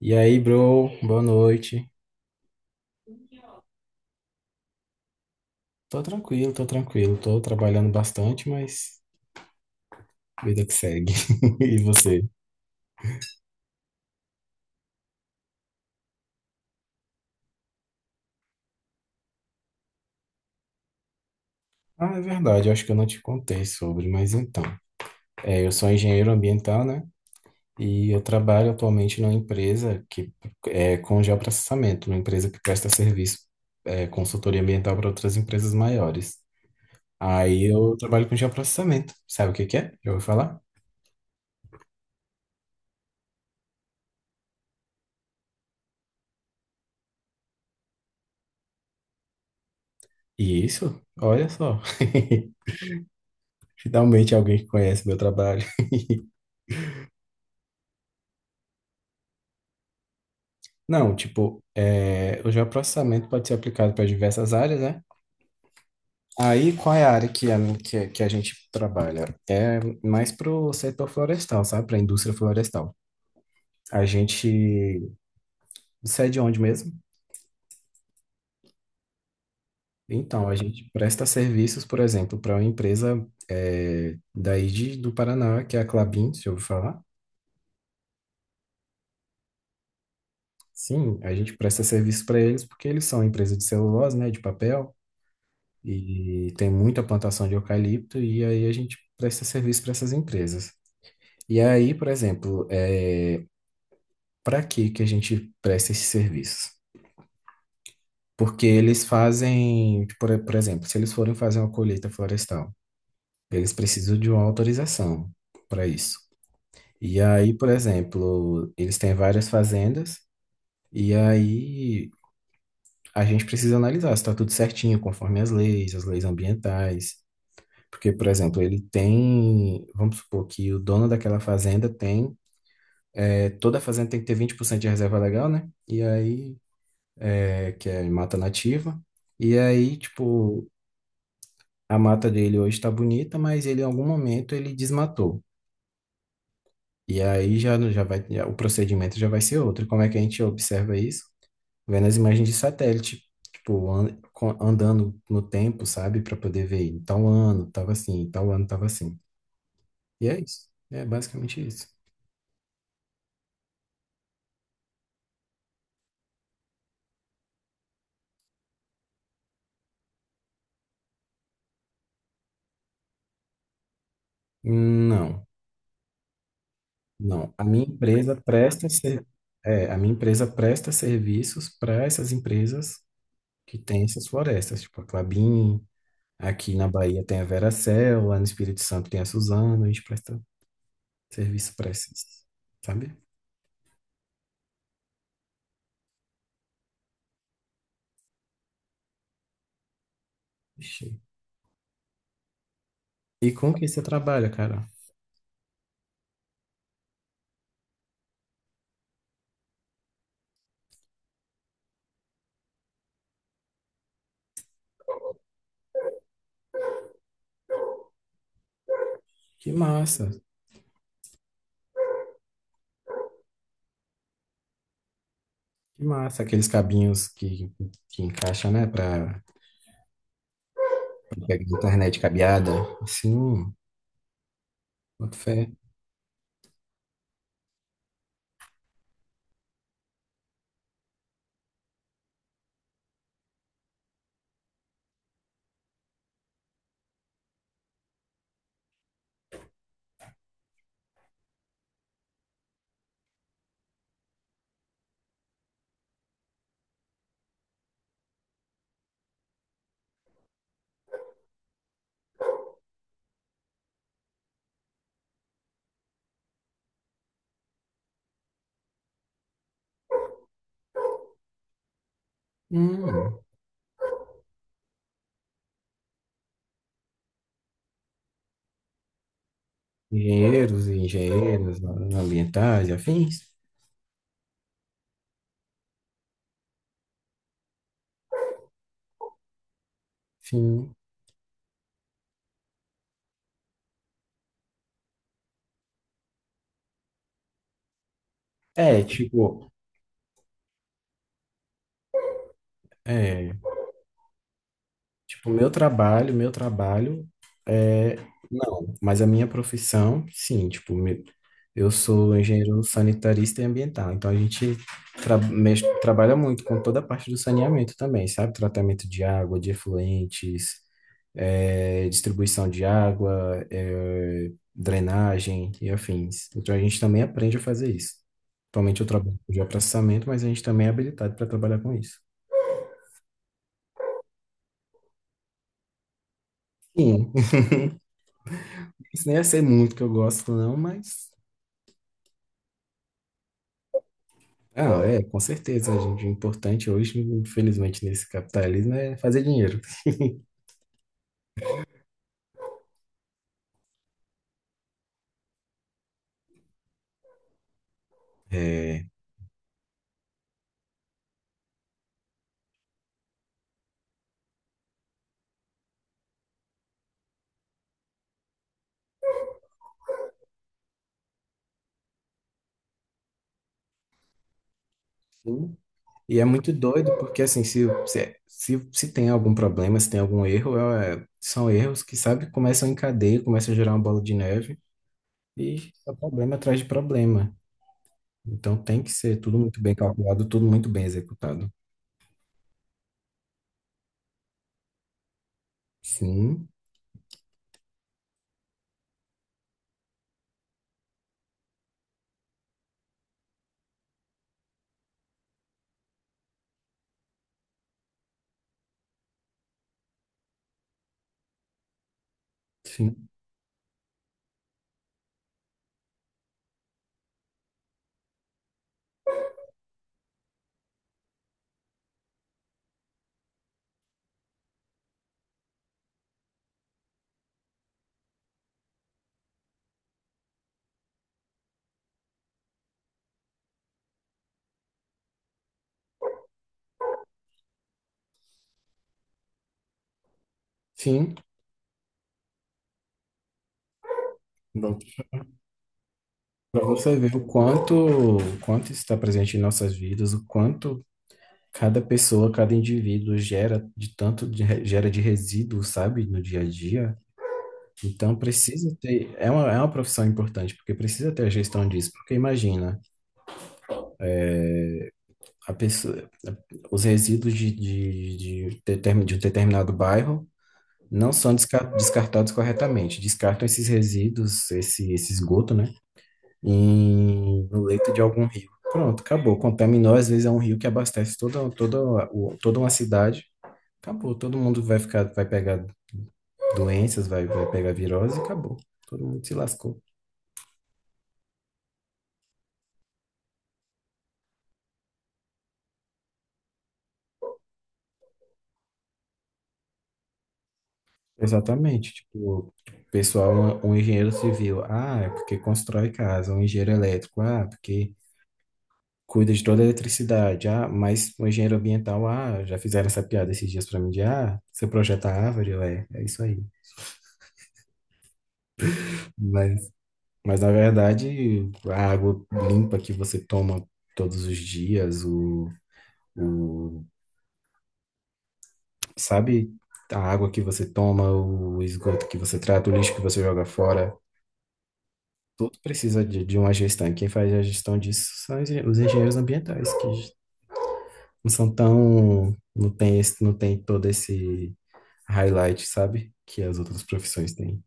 E aí, bro, boa noite. Tô tranquilo. Tô trabalhando bastante, mas vida que segue. E você? Ah, é verdade, eu acho que eu não te contei sobre, mas então. É, eu sou engenheiro ambiental, né? E eu trabalho atualmente numa empresa que é com geoprocessamento, uma empresa que presta serviço, consultoria ambiental para outras empresas maiores. Aí eu trabalho com geoprocessamento. Sabe o que que é? Já ouviu falar? Isso, olha só. Finalmente alguém que conhece meu trabalho. Não, tipo, é, o geoprocessamento pode ser aplicado para diversas áreas, né? Aí, qual é a área que a gente trabalha? É mais para o setor florestal, sabe? Para a indústria florestal. A gente sai é de onde mesmo? Então, a gente presta serviços, por exemplo, para uma empresa do Paraná, que é a Klabin, se ouviu falar? Sim, a gente presta serviço para eles porque eles são empresa de celulose, né? De papel. E tem muita plantação de eucalipto, e aí a gente presta serviço para essas empresas. E aí, por exemplo, para que que a gente presta esses serviços? Porque eles fazem, tipo, por exemplo, se eles forem fazer uma colheita florestal, eles precisam de uma autorização para isso. E aí, por exemplo, eles têm várias fazendas, e aí a gente precisa analisar se está tudo certinho, conforme as leis ambientais. Porque, por exemplo, ele tem. Vamos supor que o dono daquela fazenda tem. É, toda a fazenda tem que ter 20% de reserva legal, né? E aí, é, que é mata nativa. E aí, tipo, a mata dele hoje está bonita, mas ele em algum momento ele desmatou. E aí o procedimento já vai ser outro. Como é que a gente observa isso? Vendo as imagens de satélite, tipo, andando no tempo, sabe? Para poder ver, em tal ano tava assim, em tal ano tava assim. E é isso. É basicamente isso. Não. Não, a minha empresa presta serviços para essas empresas que têm essas florestas, tipo a Klabin, aqui na Bahia tem a Veracel, lá no Espírito Santo tem a Suzano, a gente presta serviço para essas, sabe? Ixi. E com que você trabalha, cara? Que massa, que massa, aqueles cabinhos que encaixa, né, para pegar internet cabeada, assim, boto fé. Hum, engenheiros e engenheiras ambientais e afins. Sim. É, tipo, é, tipo, meu trabalho, é não, mas a minha profissão, sim, tipo, eu sou engenheiro sanitarista e ambiental, então a gente trabalha muito com toda a parte do saneamento também, sabe? Tratamento de água, de efluentes, distribuição de água, drenagem e afins. Então a gente também aprende a fazer isso. Atualmente eu trabalho com geoprocessamento, mas a gente também é habilitado para trabalhar com isso. Sim, isso nem ia ser muito que eu gosto, não, mas. Ah, é, com certeza, a gente. O importante hoje, infelizmente, nesse capitalismo é fazer dinheiro. Sim. E é muito doido, porque assim, se tem algum problema, se tem algum erro, é, são erros que, sabe, começam em cadeia, começam a gerar uma bola de neve e é problema atrás de problema. Então tem que ser tudo muito bem calculado, tudo muito bem executado. Sim, sim, sim. Para você ver o quanto isso está presente em nossas vidas, o quanto cada pessoa, cada indivíduo gera de tanto de, gera de resíduo, sabe, no dia a dia. Então precisa ter, é uma profissão importante, porque precisa ter a gestão disso. Porque imagina, a pessoa, os resíduos de um determinado bairro não são desca- descartados corretamente. Descartam esses resíduos, esse esgoto, né, no leito de algum rio. Pronto, acabou. Contaminou, às vezes é um rio que abastece toda uma cidade. Acabou, todo mundo vai ficar, vai pegar doenças, vai pegar virose e acabou. Todo mundo se lascou. Exatamente. Tipo, o pessoal, um engenheiro civil, ah, é porque constrói casa, um engenheiro elétrico, ah, porque cuida de toda a eletricidade, ah, mas um engenheiro ambiental, ah, já fizeram essa piada esses dias pra mim de, ah, você projeta árvore, ué, é isso aí. Mas, mas na verdade, a água limpa que você toma todos os dias, o sabe? A água que você toma, o esgoto que você trata, o lixo que você joga fora, tudo precisa de uma gestão. E quem faz a gestão disso são os engenheiros ambientais, que não são tão, não tem esse, não tem todo esse highlight, sabe? Que as outras profissões têm.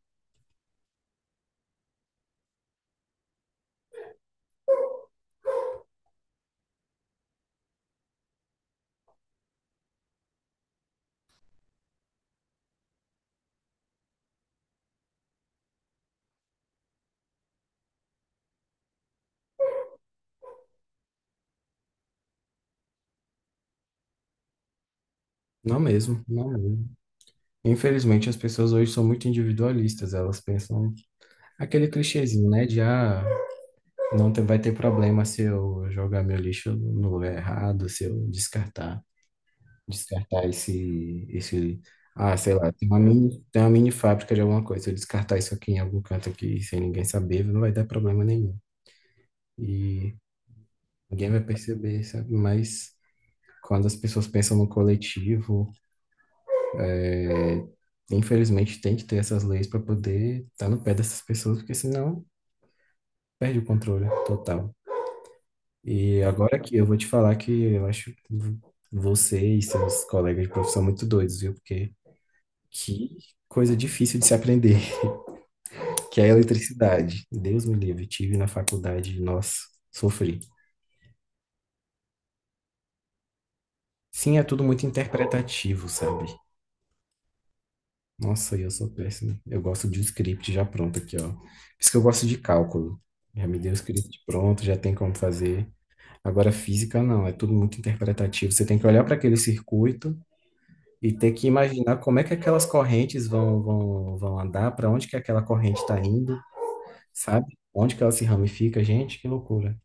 Não mesmo, não mesmo. Infelizmente, as pessoas hoje são muito individualistas, elas pensam aquele clichêzinho, né? De ah, não te- vai ter problema se eu jogar meu lixo no lugar errado, se eu descartar. Descartar ah, sei lá, tem uma mini fábrica de alguma coisa. Se eu descartar isso aqui em algum canto aqui, sem ninguém saber, não vai dar problema nenhum. E ninguém vai perceber, sabe? Mas quando as pessoas pensam no coletivo, é, infelizmente tem que ter essas leis para poder estar no pé dessas pessoas, porque senão perde o controle total. E agora aqui eu vou te falar que eu acho você e seus colegas de profissão muito doidos, viu? Porque que coisa difícil de se aprender. Que é a eletricidade. Deus me livre, tive na faculdade, nossa, sofri. Sim, é tudo muito interpretativo, sabe? Nossa, eu sou péssimo. Eu gosto de um script já pronto aqui, ó. Por isso que eu gosto de cálculo. Já me deu o script pronto, já tem como fazer. Agora, física não, é tudo muito interpretativo. Você tem que olhar para aquele circuito e ter que imaginar como é que aquelas correntes vão andar, para onde que aquela corrente está indo, sabe? Onde que ela se ramifica, gente, que loucura.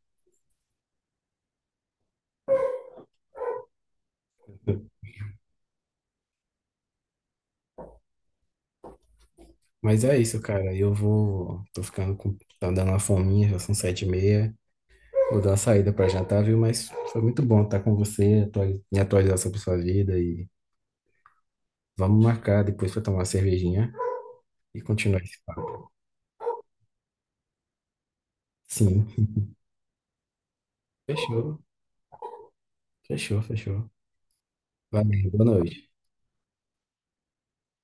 Mas é isso, cara. Eu vou. Tô ficando com. Tá dando uma fominha, já são 7:30. Vou dar uma saída pra jantar, viu? Mas foi muito bom estar com você, me atualizar sobre sua vida e vamos marcar depois pra tomar uma cervejinha e continuar esse papo. Sim. Fechou, fechou, fechou. Valeu, boa noite.